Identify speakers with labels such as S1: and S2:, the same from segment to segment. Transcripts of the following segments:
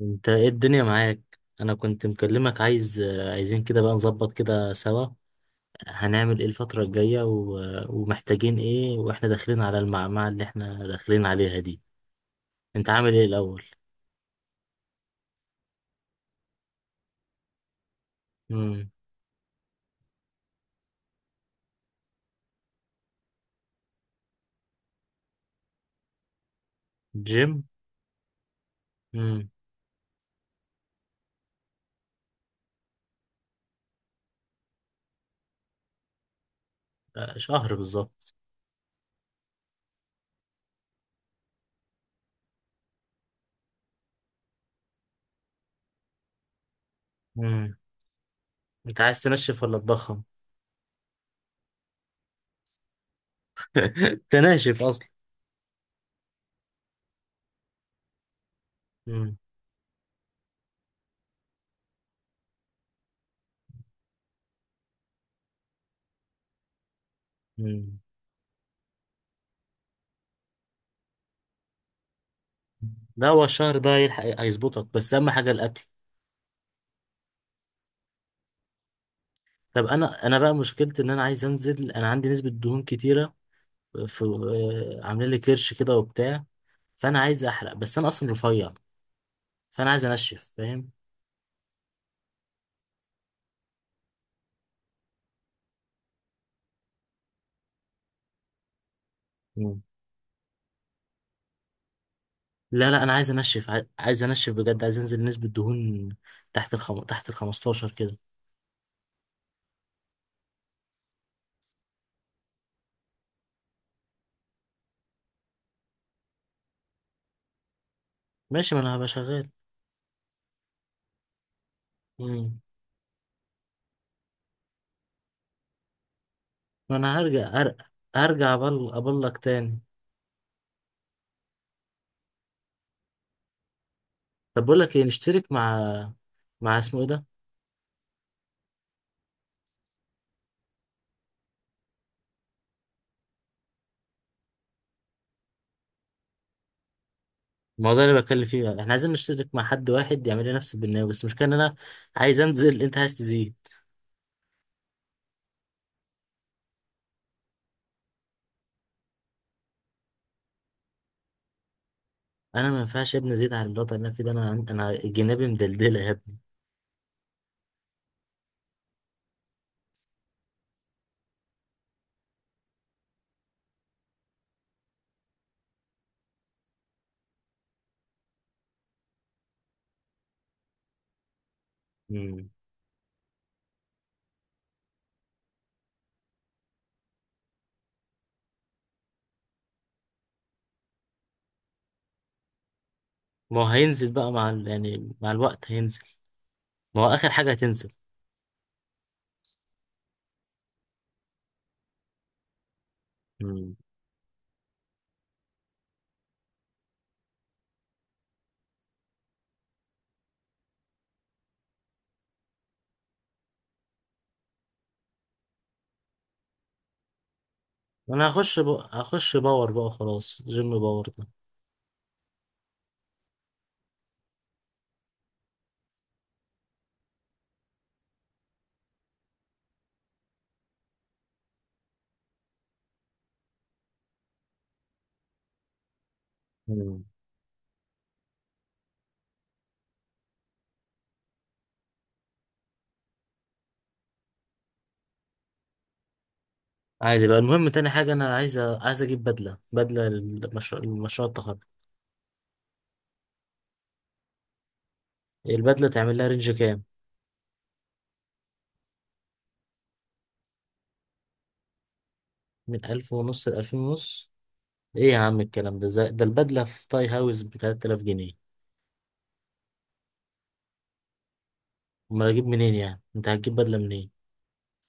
S1: انت ايه الدنيا معاك؟ انا كنت مكلمك، عايزين كده بقى نظبط كده سوا. هنعمل ايه الفترة الجاية و... ومحتاجين ايه، واحنا داخلين على المعمعة اللي احنا داخلين عليها دي؟ انت عامل ايه الاول؟ امم. جيم. امم. آه، شهر بالظبط. امم. انت عايز تنشف ولا تضخم؟ تناشف اصلا. امم. امم. لا، هو الشهر ده هيلحق هيظبطك، بس اهم حاجة الاكل. طب انا بقى مشكلتي ان انا عايز انزل، انا عندي نسبة دهون كتيرة في عاملين لي كرش كده وبتاع. فانا عايز احرق، بس انا اصلا رفيع، فانا عايز انشف، فاهم؟ مم. لا لا، انا عايز انشف، عايز انشف بجد، عايز انزل نسبة دهون تحت ال 15 كده. ماشي، ما انا هبقى شغال. مم. ما انا هرجع، ابلك تاني. طب بقول لك ايه، نشترك مع مع اسمه ايه ده، الموضوع اللي بتكلم فيه ده. احنا عايزين نشترك مع حد واحد يعمل لي نفس البرنامج، بس المشكلة ان انا عايز انزل انت عايز تزيد. انا ما ينفعش يا ابني ازيد على الوضع اللي انا فيه ده، انا جنابي مدلدله يا ابني. مم. ما هو هينزل بقى مع يعني مع الوقت هينزل، ما هو اخر حاجه هتنزل. مم. انا هخش بقى، هخش باور بقى، خلاص جيم باور ده. مم. عادي بقى. المهم تاني حاجه انا عايز، عايز اجيب بدله لمشروع التخرج. البدله تعمل لها رينج كام؟ من 1500 لألفين ونص. ايه يا عم الكلام ده ده البدله في تاي هاوس ب 3000 جنيه. امال اجيب منين؟ يعني انت هتجيب بدله منين؟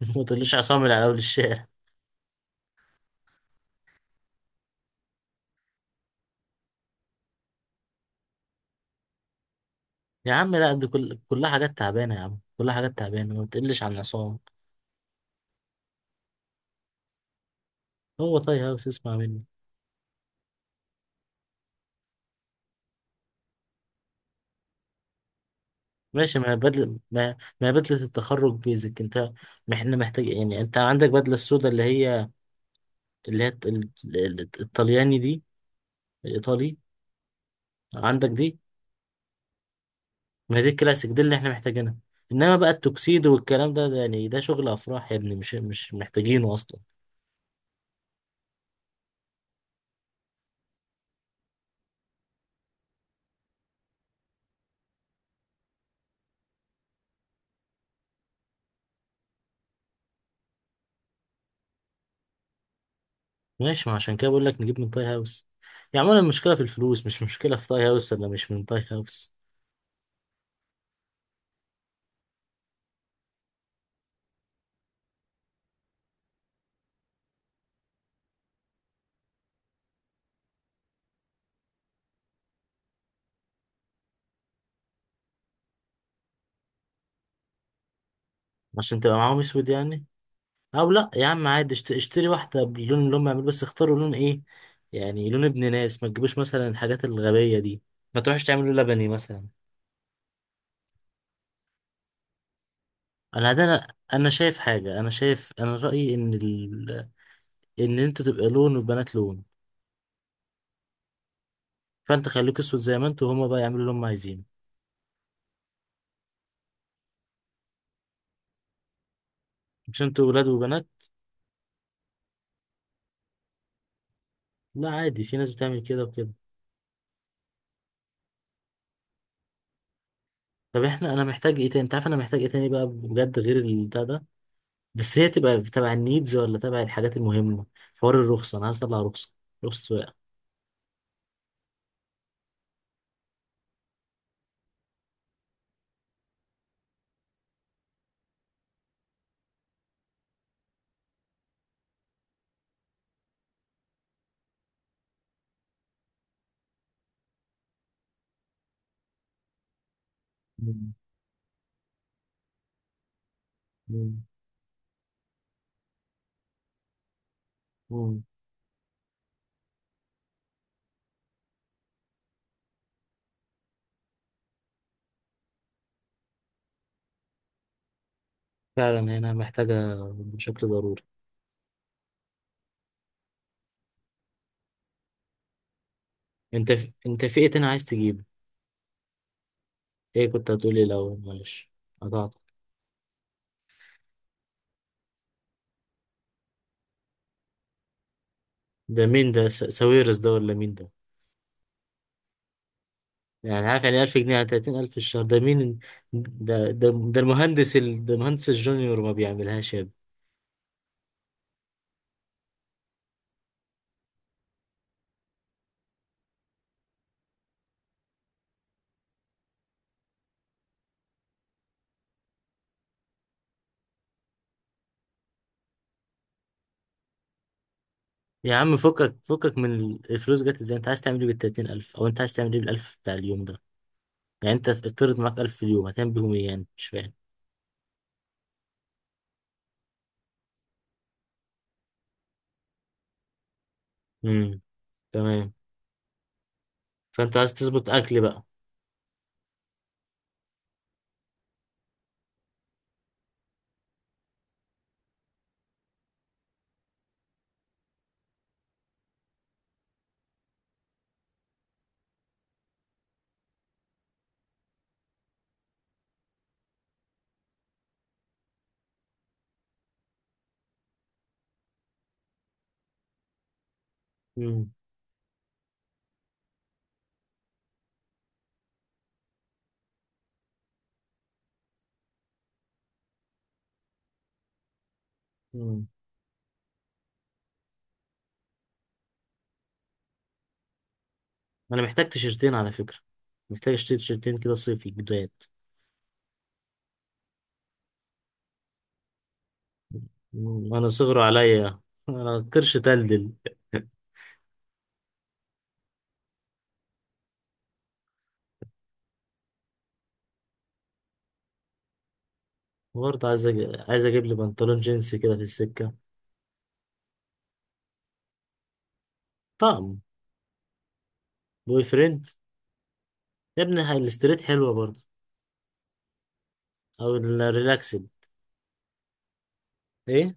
S1: ما تقوليش عصامي على اول الشارع. يا عم لا، دي كلها حاجات تعبانة يا عم، كلها حاجات تعبانة، ما بتقلش عن العصام. هو طاي هاوس اسمع مني. ماشي، ما هي بدل ما هي بدلة التخرج بيزك انت. احنا محتاج يعني، انت عندك بدلة السودا اللي هي، اللي هي الطلياني دي، الايطالي. عندك دي. ما هي دي الكلاسيك دي اللي احنا محتاجينها. انما بقى التوكسيدو والكلام ده يعني ده شغل افراح يا ابني، مش محتاجينه اصلا. ماشي، ما عشان كده بقول لك نجيب من طاي هاوس. يعني عموما المشكلة في الفلوس، مش مشكلة في طاي هاوس ولا مش من طاي هاوس. عشان تبقى معاهم اسود يعني؟ او لا يا عم، عادي اشتري واحده باللون اللي هم يعملوا، بس اختاروا لون ايه؟ يعني لون ابن ناس، ما تجيبوش مثلا الحاجات الغبيه دي، ما تروحش تعملوا لبني مثلا. انا، انا شايف حاجه انا شايف انا رايي ان ان انتوا تبقى لون والبنات لون. فانت خليك اسود زي ما انتوا، وهما بقى يعملوا اللي هم عايزينه. مش انتوا ولاد وبنات؟ لا عادي، في ناس بتعمل كده وكده. طب انا محتاج ايه تاني؟ انت عارف انا محتاج ايه تاني بقى بجد غير البتاع ده؟ بس هي تبقى تبع النيدز ولا تبع الحاجات المهمة. حوار الرخصة، أنا عايز أطلع رخصة، رخصة سواقة. مم. مم. مم. فعلا هنا محتاجة بشكل ضروري. أنت في إيه تاني عايز تجيبه؟ إيه كنت هتقولي الأول معلش؟ قطعت. ده مين ده، ساويرس ده ولا مين ده؟ يعني عارف، يعني 1000 جنيه على 30000 في الشهر، ده مين؟ ده المهندس الجونيور ما بيعملهاش يا ابني. يا عم فكك فكك من الفلوس، جت ازاي؟ انت عايز تعمل ايه بال 30000، او انت عايز تعمل ايه بالألف بتاع اليوم ده؟ يعني انت افترض معاك 1000 في اليوم، هتعمل بيهم ايه، يعني مش فاهم. امم. تمام. فانت عايز تظبط اكل بقى. امم. امم. انا محتاج تيشرتين على فكرة، محتاج اشتري تيشرتين كده صيفي جداد. مم. انا صغر عليا، انا قرش تلدل. برضه عايز، عايز اجيب لي بنطلون جينز كده في السكة. طقم. بوي فريند. يا ابني هاي الاستريت حلوة برضه. او الريلاكسد. ايه؟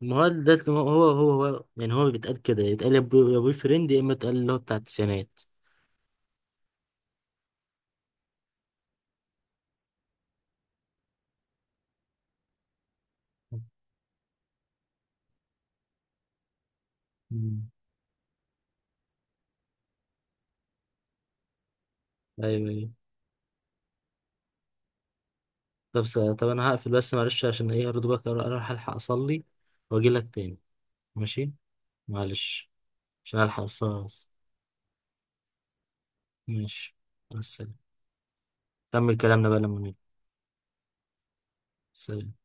S1: ما هو ده اللي هو يعني هو بيتقال كده، يتقال يا بوي فريند، يا اما يتقال اللي هو بتاع التسعينات. مم. ايوه ايوه. طب، طب انا هقفل بس معلش، عشان ايه؟ اردوبك، اروح الحق اصلي واجي لك تاني. ماشي. معلش. عشان الحق الصلاة بس. ماشي، مع السلامة. كمل كلامنا بقى لما نيجي. سلام.